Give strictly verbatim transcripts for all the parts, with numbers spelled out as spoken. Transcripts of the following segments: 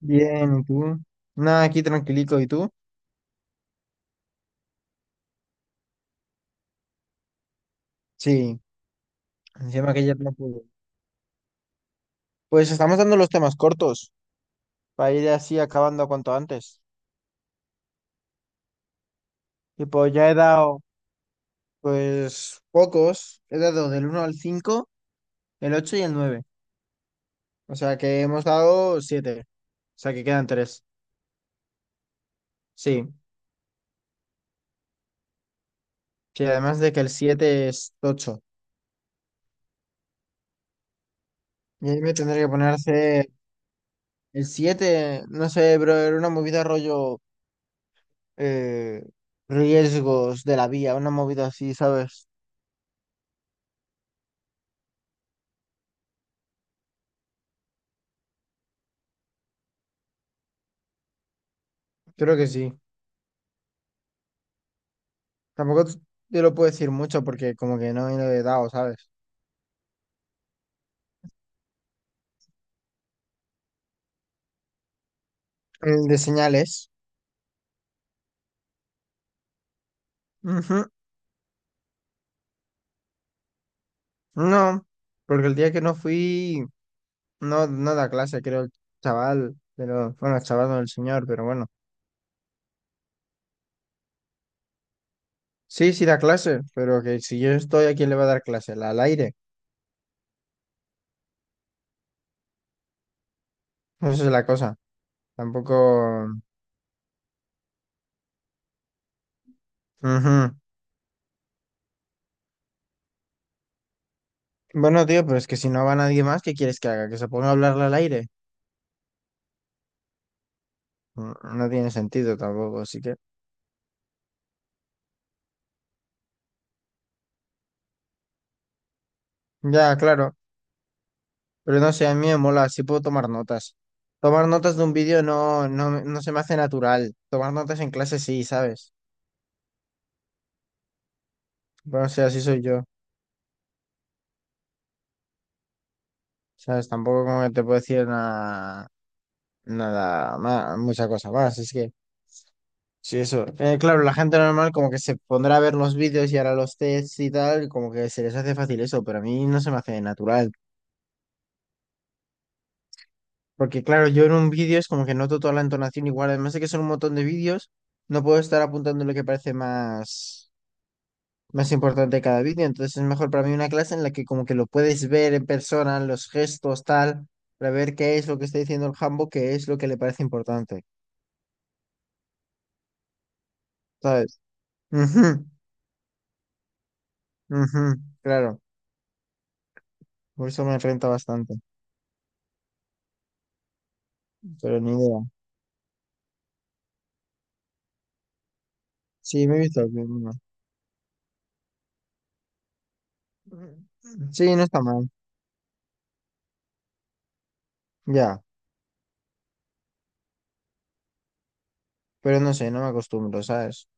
Bien, ¿y tú? Nada, aquí tranquilito, ¿y tú? Sí, encima que ya no pude. Pues estamos dando los temas cortos para ir así acabando cuanto antes. Y pues ya he dado, pues, pocos. He dado del uno al cinco, el ocho y el nueve. O sea que hemos dado siete. O sea que quedan tres. Sí, sí, además de que el siete es ocho. Y ahí me tendré que poner a hacer. El siete no sé, bro, era una movida rollo, eh, riesgos de la vía, una movida así, ¿sabes? Creo que sí. Tampoco t- te lo puedo decir mucho porque como que no viene de dado, ¿sabes? El de señales. Ujú. No, porque el día que no fui, no, no da clase, creo, el chaval, pero bueno, el chaval no el señor, pero bueno. Sí, sí da clase, pero que si yo estoy, ¿a quién le va a dar clase? ¿La- Al aire. Esa es la cosa. Tampoco. Ujú. Bueno, tío, pero es que si no va nadie más, ¿qué quieres que haga? ¿Que se ponga a hablarle al aire? Mm, No tiene sentido tampoco, así que. Ya, claro. Pero no sé, a mí me mola, sí puedo tomar notas. Tomar notas de un vídeo no, no, me- no se me hace natural. Tomar notas en clase sí, ¿sabes? Bueno, o sea, así soy yo. ¿Sabes? Tampoco como que te puedo decir nada, nada más, mucha cosa más. Es que, sí, eso. Eh, claro, la gente normal como que se pondrá a ver los vídeos y hará los tests y tal, y como que se les hace fácil eso, pero a mí no se me hace natural. Porque claro, yo en un vídeo es como que noto toda la entonación igual, además de que son un montón de vídeos, no puedo estar apuntando lo que parece más. más importante cada vídeo. Entonces es mejor para mí una clase en la que como que lo puedes ver en persona, los gestos, tal, para ver qué es lo que está diciendo el jambo, qué es lo que le parece importante, ¿sabes? Ujú, ujú, claro, por eso me renta bastante, pero ni idea. Sí, me he visto alguna. Sí, no está mal, ya, pero no sé, no me acostumbro, ¿sabes?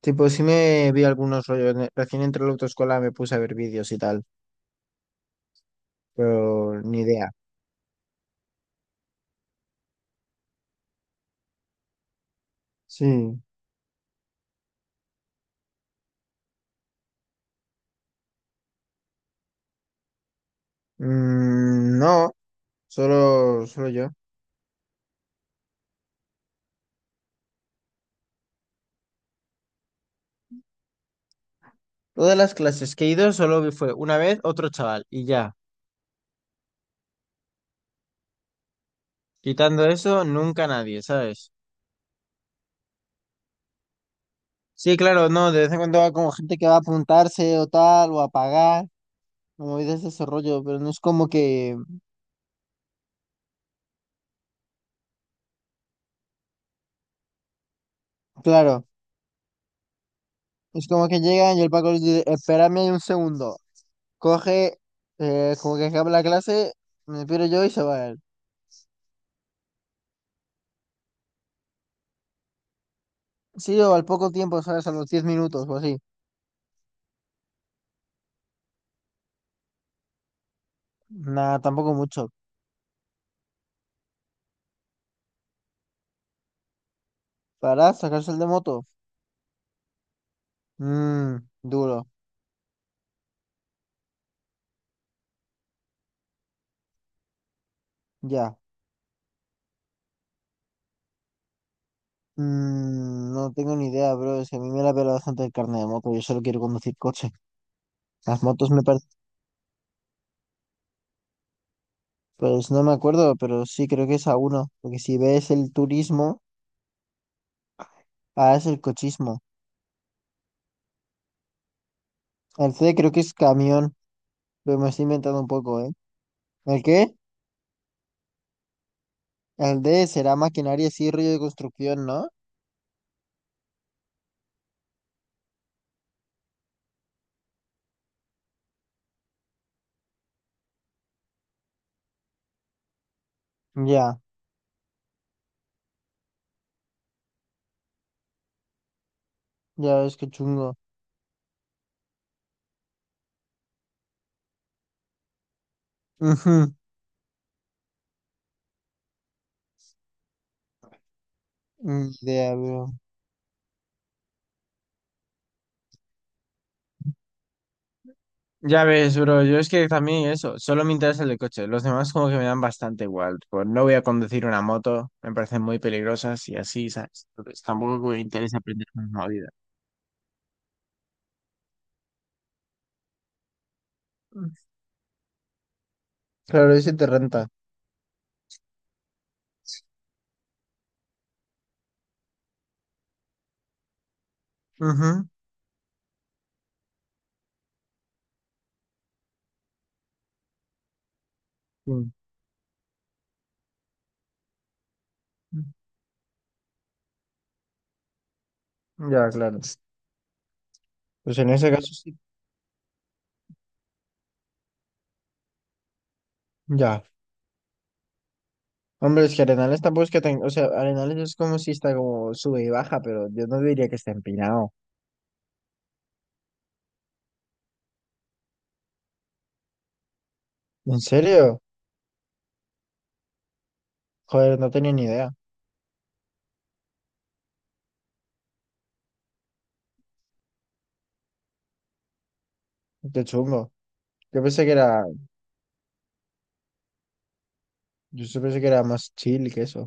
Tipo, sí me vi algunos rollos, ne- recién entré a la autoescuela me puse a ver vídeos y tal, pero ni idea. Sí. Mm, no. Solo, solo yo. Todas las clases que he ido solo fue una vez otro chaval y ya. Quitando eso, nunca nadie, ¿sabes? Sí, claro, no, de vez en cuando va como gente que va a apuntarse o tal, o a pagar, o movidas de ese rollo, pero no es como que, claro, es como que llegan y el Paco les dice, espérame ahí un segundo, coge, eh, como que acaba la clase, me piro yo y se va él. Sí, o al poco tiempo, ¿sabes? A los diez minutos o así. Nada, tampoco mucho. Para sacarse el de moto. Mmm, Duro, ya. Mm, no tengo ni idea, bro. Es que a mí me la pela bastante el carnet de moto. Yo solo quiero conducir coche. Las motos me parecen. Pues no me acuerdo, pero sí, creo que es A uno. Porque si B es el turismo, A es el cochismo. El C creo que es camión. Pero me estoy inventando un poco, ¿eh? ¿El qué? El D será maquinaria, sí, rollo de construcción, ¿no? Ya, ya ves que chungo. Ujú. Ni idea, bro. Ya ves, bro, yo es que también eso, solo me interesa el de coche. Los demás como que me dan bastante igual. Pues no voy a conducir una moto, me parecen muy peligrosas y así, ¿sabes? Entonces tampoco me interesa aprender una vida. Claro, y si te renta. Ujú, sí. Ya, claro. Pues en ese caso sí. Ya. Hombre, es que Arenales tampoco es que tenga. O sea, Arenales es como si está como sube y baja, pero yo no diría que está empinado. ¿En serio? Joder, no tenía ni idea. Qué chungo. Yo pensé que era. Yo sí pensé que era más chill que eso.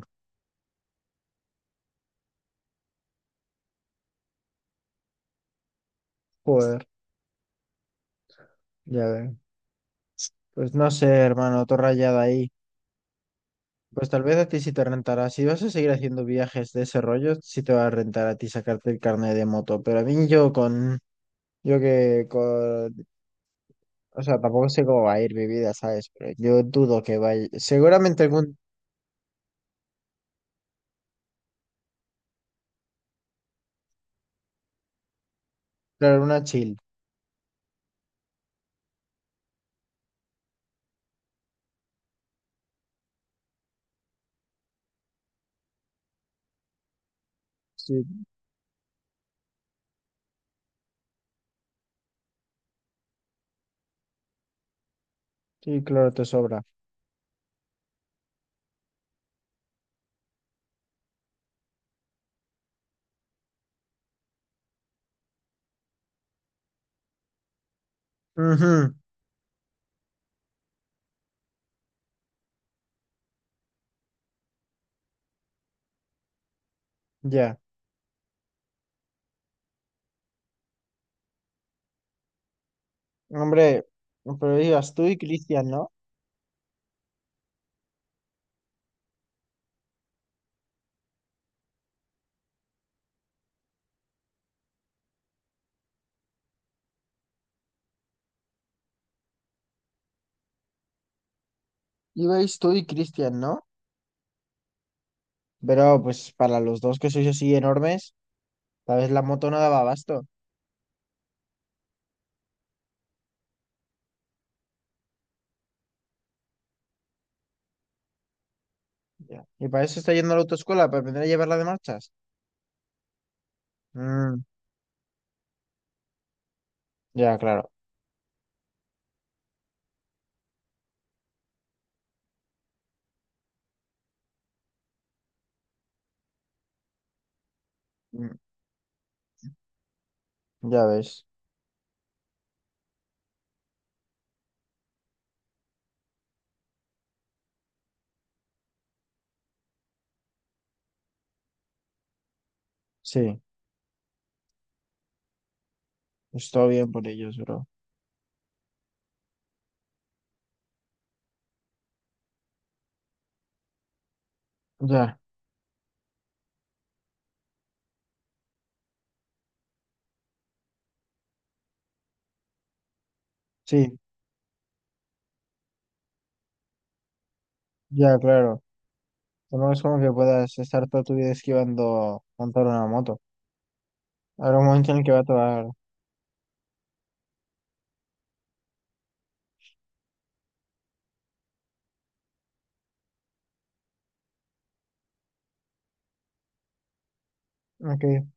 Joder. Ya veo. Pues no sé, hermano, todo rayado ahí. Pues tal vez a ti sí te rentará. Si vas a seguir haciendo viajes de ese rollo, sí te va a rentar a ti sacarte el carnet de moto. Pero a mí yo con. Yo que con. O sea, tampoco sé cómo va a ir mi vida, ¿sabes? Pero yo dudo que vaya. Seguramente algún. Claro, una chill. Sí, sí, claro, te sobra. Ujú, ya. Hombre, pero ibas tú y Cristian, ¿no? Ibais tú y Cristian, ¿no? Pero pues para los dos que sois así enormes, tal vez la moto no daba abasto. Ya. Y para eso está yendo a la autoescuela, para aprender a llevarla de marchas. Mm, ya, claro. Mm, ya ves. Sí, pues todo bien por ellos, bro. Ya, sí, ya, claro. Tampoco es como que puedas estar toda tu vida esquivando montar una moto. Habrá un momento en el que va a tocar. Ok.